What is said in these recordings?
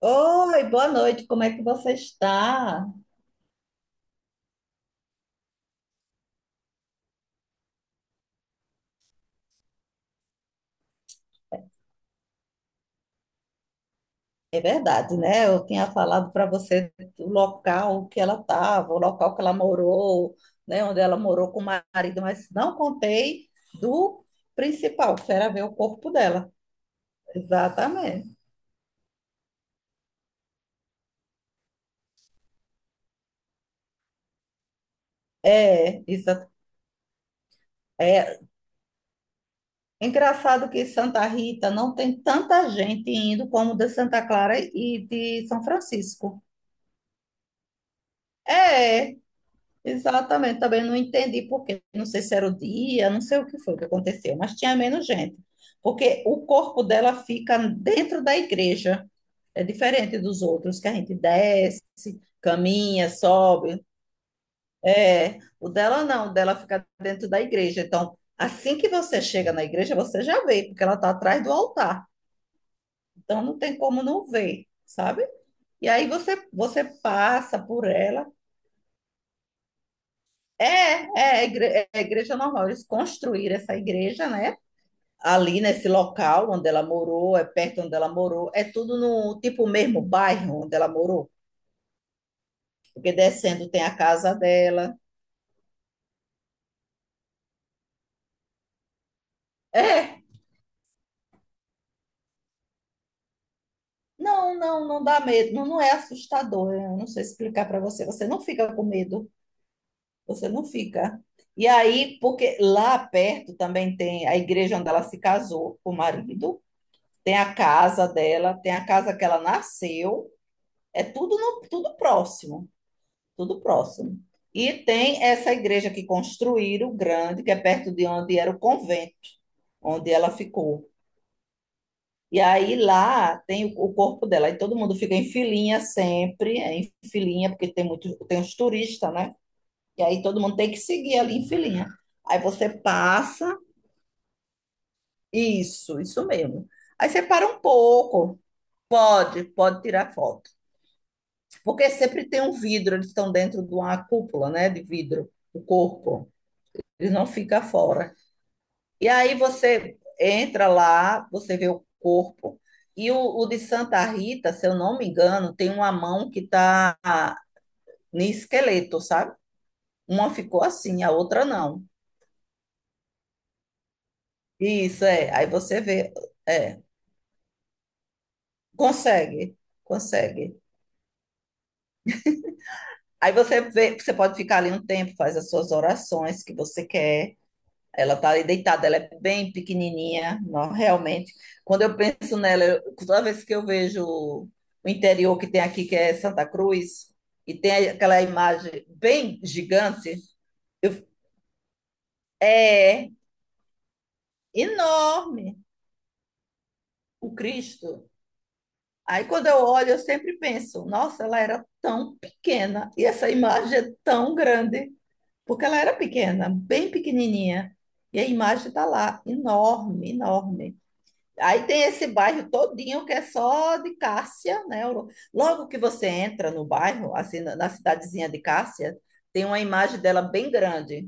Oi, boa noite, como é que você está? É verdade, né? Eu tinha falado para você o local que ela estava, o local que ela morou, né? Onde ela morou com o marido, mas não contei do principal, que era ver o corpo dela. Exatamente. É, isso é engraçado que Santa Rita não tem tanta gente indo como de Santa Clara e de São Francisco. É, exatamente, também não entendi por quê. Não sei se era o dia, não sei o que foi que aconteceu, mas tinha menos gente. Porque o corpo dela fica dentro da igreja, é diferente dos outros, que a gente desce, caminha, sobe. É, o dela não, o dela fica dentro da igreja. Então, assim que você chega na igreja, você já vê, porque ela está atrás do altar. Então, não tem como não ver, sabe? E aí você passa por ela. É, é, é a igreja normal. Eles construíram essa igreja, né? Ali nesse local onde ela morou, é perto onde ela morou, é tudo no tipo mesmo bairro onde ela morou, porque descendo tem a casa dela. É, não, não, não dá medo, não, não é assustador. Eu não sei explicar para você, você não fica com medo, você não fica. E aí, porque lá perto também tem a igreja onde ela se casou com o marido, tem a casa dela, tem a casa que ela nasceu. É tudo, tudo próximo, tudo próximo. E tem essa igreja que construíram, grande, que é perto de onde era o convento, onde ela ficou. E aí lá tem o corpo dela, e todo mundo fica em filinha sempre, é, em filinha, porque tem muito, tem os turistas, né? E aí todo mundo tem que seguir ali em filinha. Aí você passa, isso mesmo. Aí você para um pouco, pode, pode tirar foto. Porque sempre tem um vidro, eles estão dentro de uma cúpula, né, de vidro, o corpo. Eles não ficam fora. E aí você entra lá, você vê o corpo. E o de Santa Rita, se eu não me engano, tem uma mão que está no esqueleto, sabe? Uma ficou assim, a outra não. Isso, é. Aí você vê, é, consegue, consegue. Aí você vê, você pode ficar ali um tempo, faz as suas orações que você quer. Ela tá ali deitada, ela é bem pequenininha, não, realmente. Quando eu penso nela, toda vez que eu vejo o interior que tem aqui, que é Santa Cruz, e tem aquela imagem bem gigante, eu- é enorme o Cristo. Aí quando eu olho, eu sempre penso, nossa, ela era tão pequena e essa imagem é tão grande, porque ela era pequena, bem pequenininha, e a imagem está lá, enorme, enorme. Aí tem esse bairro todinho que é só de Cássia, né? Logo que você entra no bairro, assim, na cidadezinha de Cássia, tem uma imagem dela bem grande,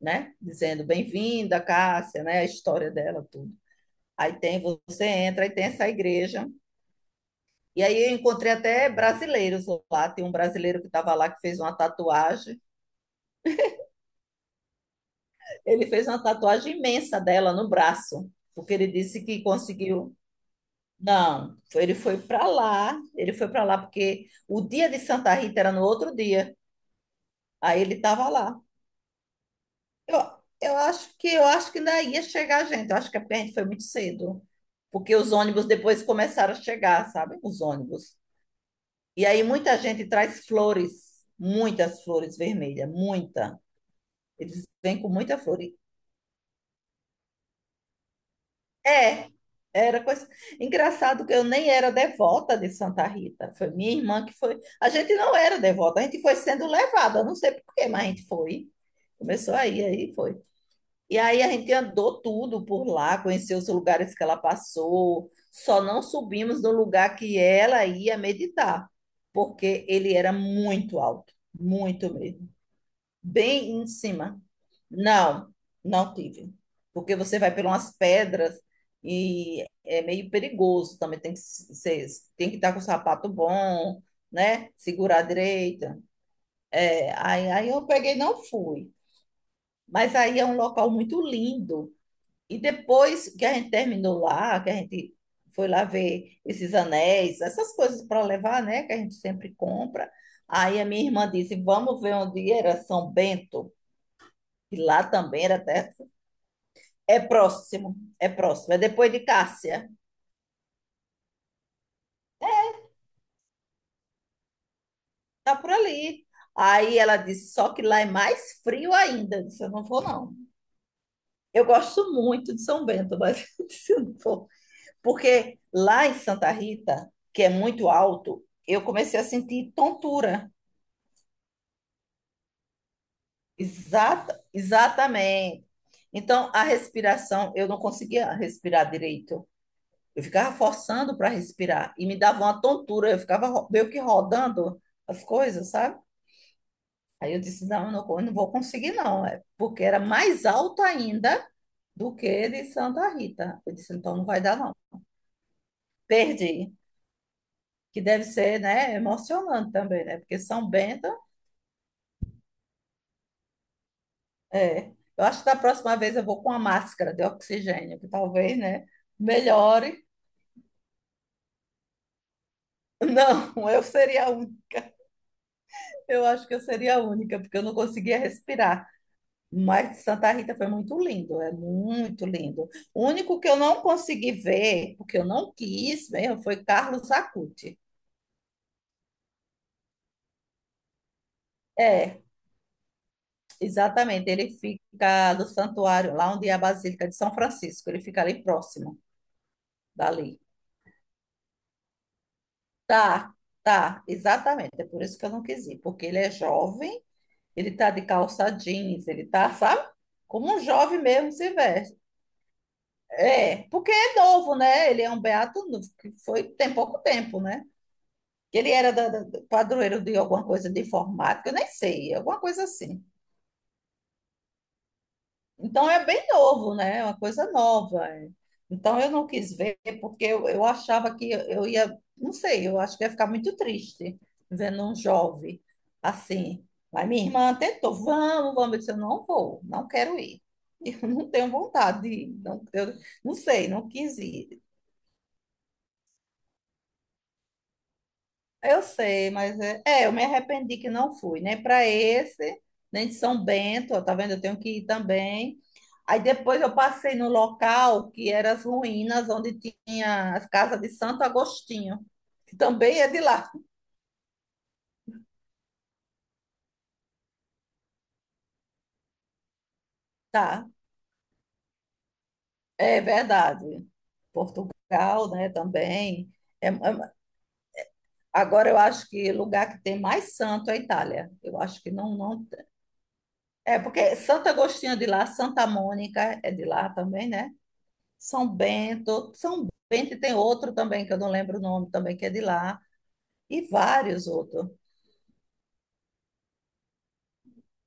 né? Dizendo bem-vinda, Cássia, né? A história dela, tudo. Aí tem, você entra, aí tem essa igreja. E aí eu encontrei até brasileiros lá. Tem um brasileiro que estava lá que fez uma tatuagem. Ele fez uma tatuagem imensa dela no braço, porque ele disse que conseguiu. Não, ele foi para lá, ele foi para lá porque o dia de Santa Rita era no outro dia. Aí ele estava lá. Eu, eu acho que ainda ia chegar gente. Eu acho que a gente foi muito cedo, porque os ônibus depois começaram a chegar, sabe? Os ônibus. E aí muita gente traz flores, muitas flores vermelhas, muita. Eles vêm com muita flor. É, era coisa. Engraçado que eu nem era devota de Santa Rita. Foi minha irmã que foi. A gente não era devota, a gente foi sendo levada, eu não sei por quê, mas a gente foi. Começou aí, aí foi. E aí a gente andou tudo por lá, conheceu os lugares que ela passou. Só não subimos no lugar que ela ia meditar, porque ele era muito alto, muito mesmo, bem em cima. Não, não tive. Porque você vai por umas pedras e é meio perigoso também. Tem que ser, tem que estar com o sapato bom, né? Segurar a direita. É, aí, aí eu peguei e não fui. Mas aí é um local muito lindo. E depois que a gente terminou lá, que a gente foi lá ver esses anéis, essas coisas para levar, né? Que a gente sempre compra. Aí a minha irmã disse: Vamos ver onde era São Bento. E lá também era até. É próximo, é próximo. É depois de Cássia. Tá por ali. Aí ela disse, só que lá é mais frio ainda. Eu disse, eu não vou, não. Eu gosto muito de São Bento, mas eu disse, eu não vou. Porque lá em Santa Rita, que é muito alto, eu comecei a sentir tontura. Exatamente. Então, a respiração, eu não conseguia respirar direito. Eu ficava forçando para respirar e me dava uma tontura, eu ficava meio que rodando as coisas, sabe? Aí eu disse, não, eu não, eu não vou conseguir não, é porque era mais alto ainda do que de Santa Rita. Eu disse, então não vai dar não. Perdi, que deve ser, né, emocionante também, né? Porque São Bento, é. Eu acho que da próxima vez eu vou com a máscara de oxigênio, que talvez, né, melhore. Não, eu acho que eu seria a única, porque eu não conseguia respirar. Mas Santa Rita foi muito lindo, é muito lindo. O único que eu não consegui ver, porque eu não quis mesmo, foi Carlos Acuti. É, exatamente, ele fica do santuário, lá onde é a Basílica de São Francisco, ele fica ali próximo dali. Tá, tá, exatamente, é por isso que eu não quis ir, porque ele é jovem, ele tá de calça jeans, ele tá, sabe? Como um jovem mesmo se veste. É, porque é novo, né? Ele é um beato novo, que foi tem pouco tempo, né? Ele era padroeiro de alguma coisa de informática, eu nem sei, alguma coisa assim. Então é bem novo, né? É uma coisa nova. É. Então eu não quis ver porque eu achava que eu ia, não sei, eu acho que ia ficar muito triste vendo um jovem assim. Mas minha irmã tentou, vamos, vamos. Eu disse, eu não vou, não quero ir. Eu não tenho vontade de ir, não, eu não sei, não quis ir. Eu sei, mas é, é, eu me arrependi que não fui, nem para esse, nem de São Bento, ó, tá vendo? Eu tenho que ir também. Aí depois eu passei no local que eram as ruínas onde tinha as casas de Santo Agostinho, que também é de lá, tá? É verdade. Portugal, né, também. É- é- agora eu acho que o lugar que tem mais santo é a Itália. Eu acho que não, não. É porque Santo Agostinho é de lá, Santa Mônica é de lá também, né? São Bento, São Bento e tem outro também que eu não lembro o nome também que é de lá e vários outros.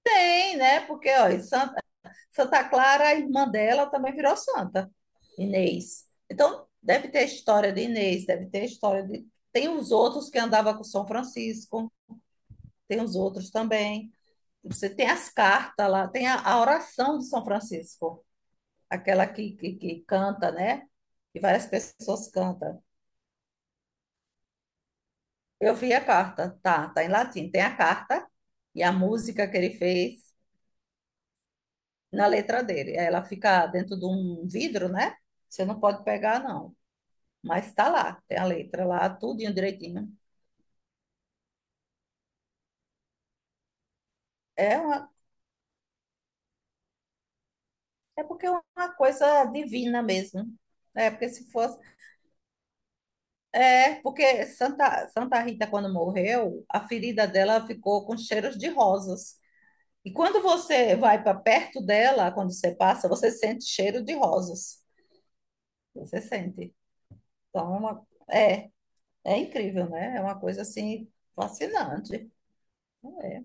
Tem, né? Porque ó, em Santa, Santa Clara, a irmã dela também virou santa, Inês. Então deve ter a história de Inês, deve ter a história de tem os outros que andava com São Francisco, tem os outros também. Você tem as cartas lá, tem a oração de São Francisco, aquela que canta, né? Que várias pessoas cantam. Eu vi a carta, tá, tá em latim. Tem a carta e a música que ele fez na letra dele. Ela fica dentro de um vidro, né? Você não pode pegar, não. Mas tá lá, tem a letra lá, tudinho direitinho. É, uma, é porque é uma coisa divina mesmo. É, porque se fosse. É, porque Santa, Santa Rita, quando morreu, a ferida dela ficou com cheiros de rosas. E quando você vai para perto dela, quando você passa, você sente cheiro de rosas. Você sente. Então, é uma, é, é incrível, né? É uma coisa assim fascinante. É.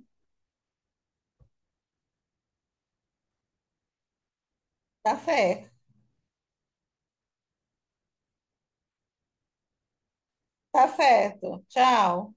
Tá certo. Tá certo. Tchau.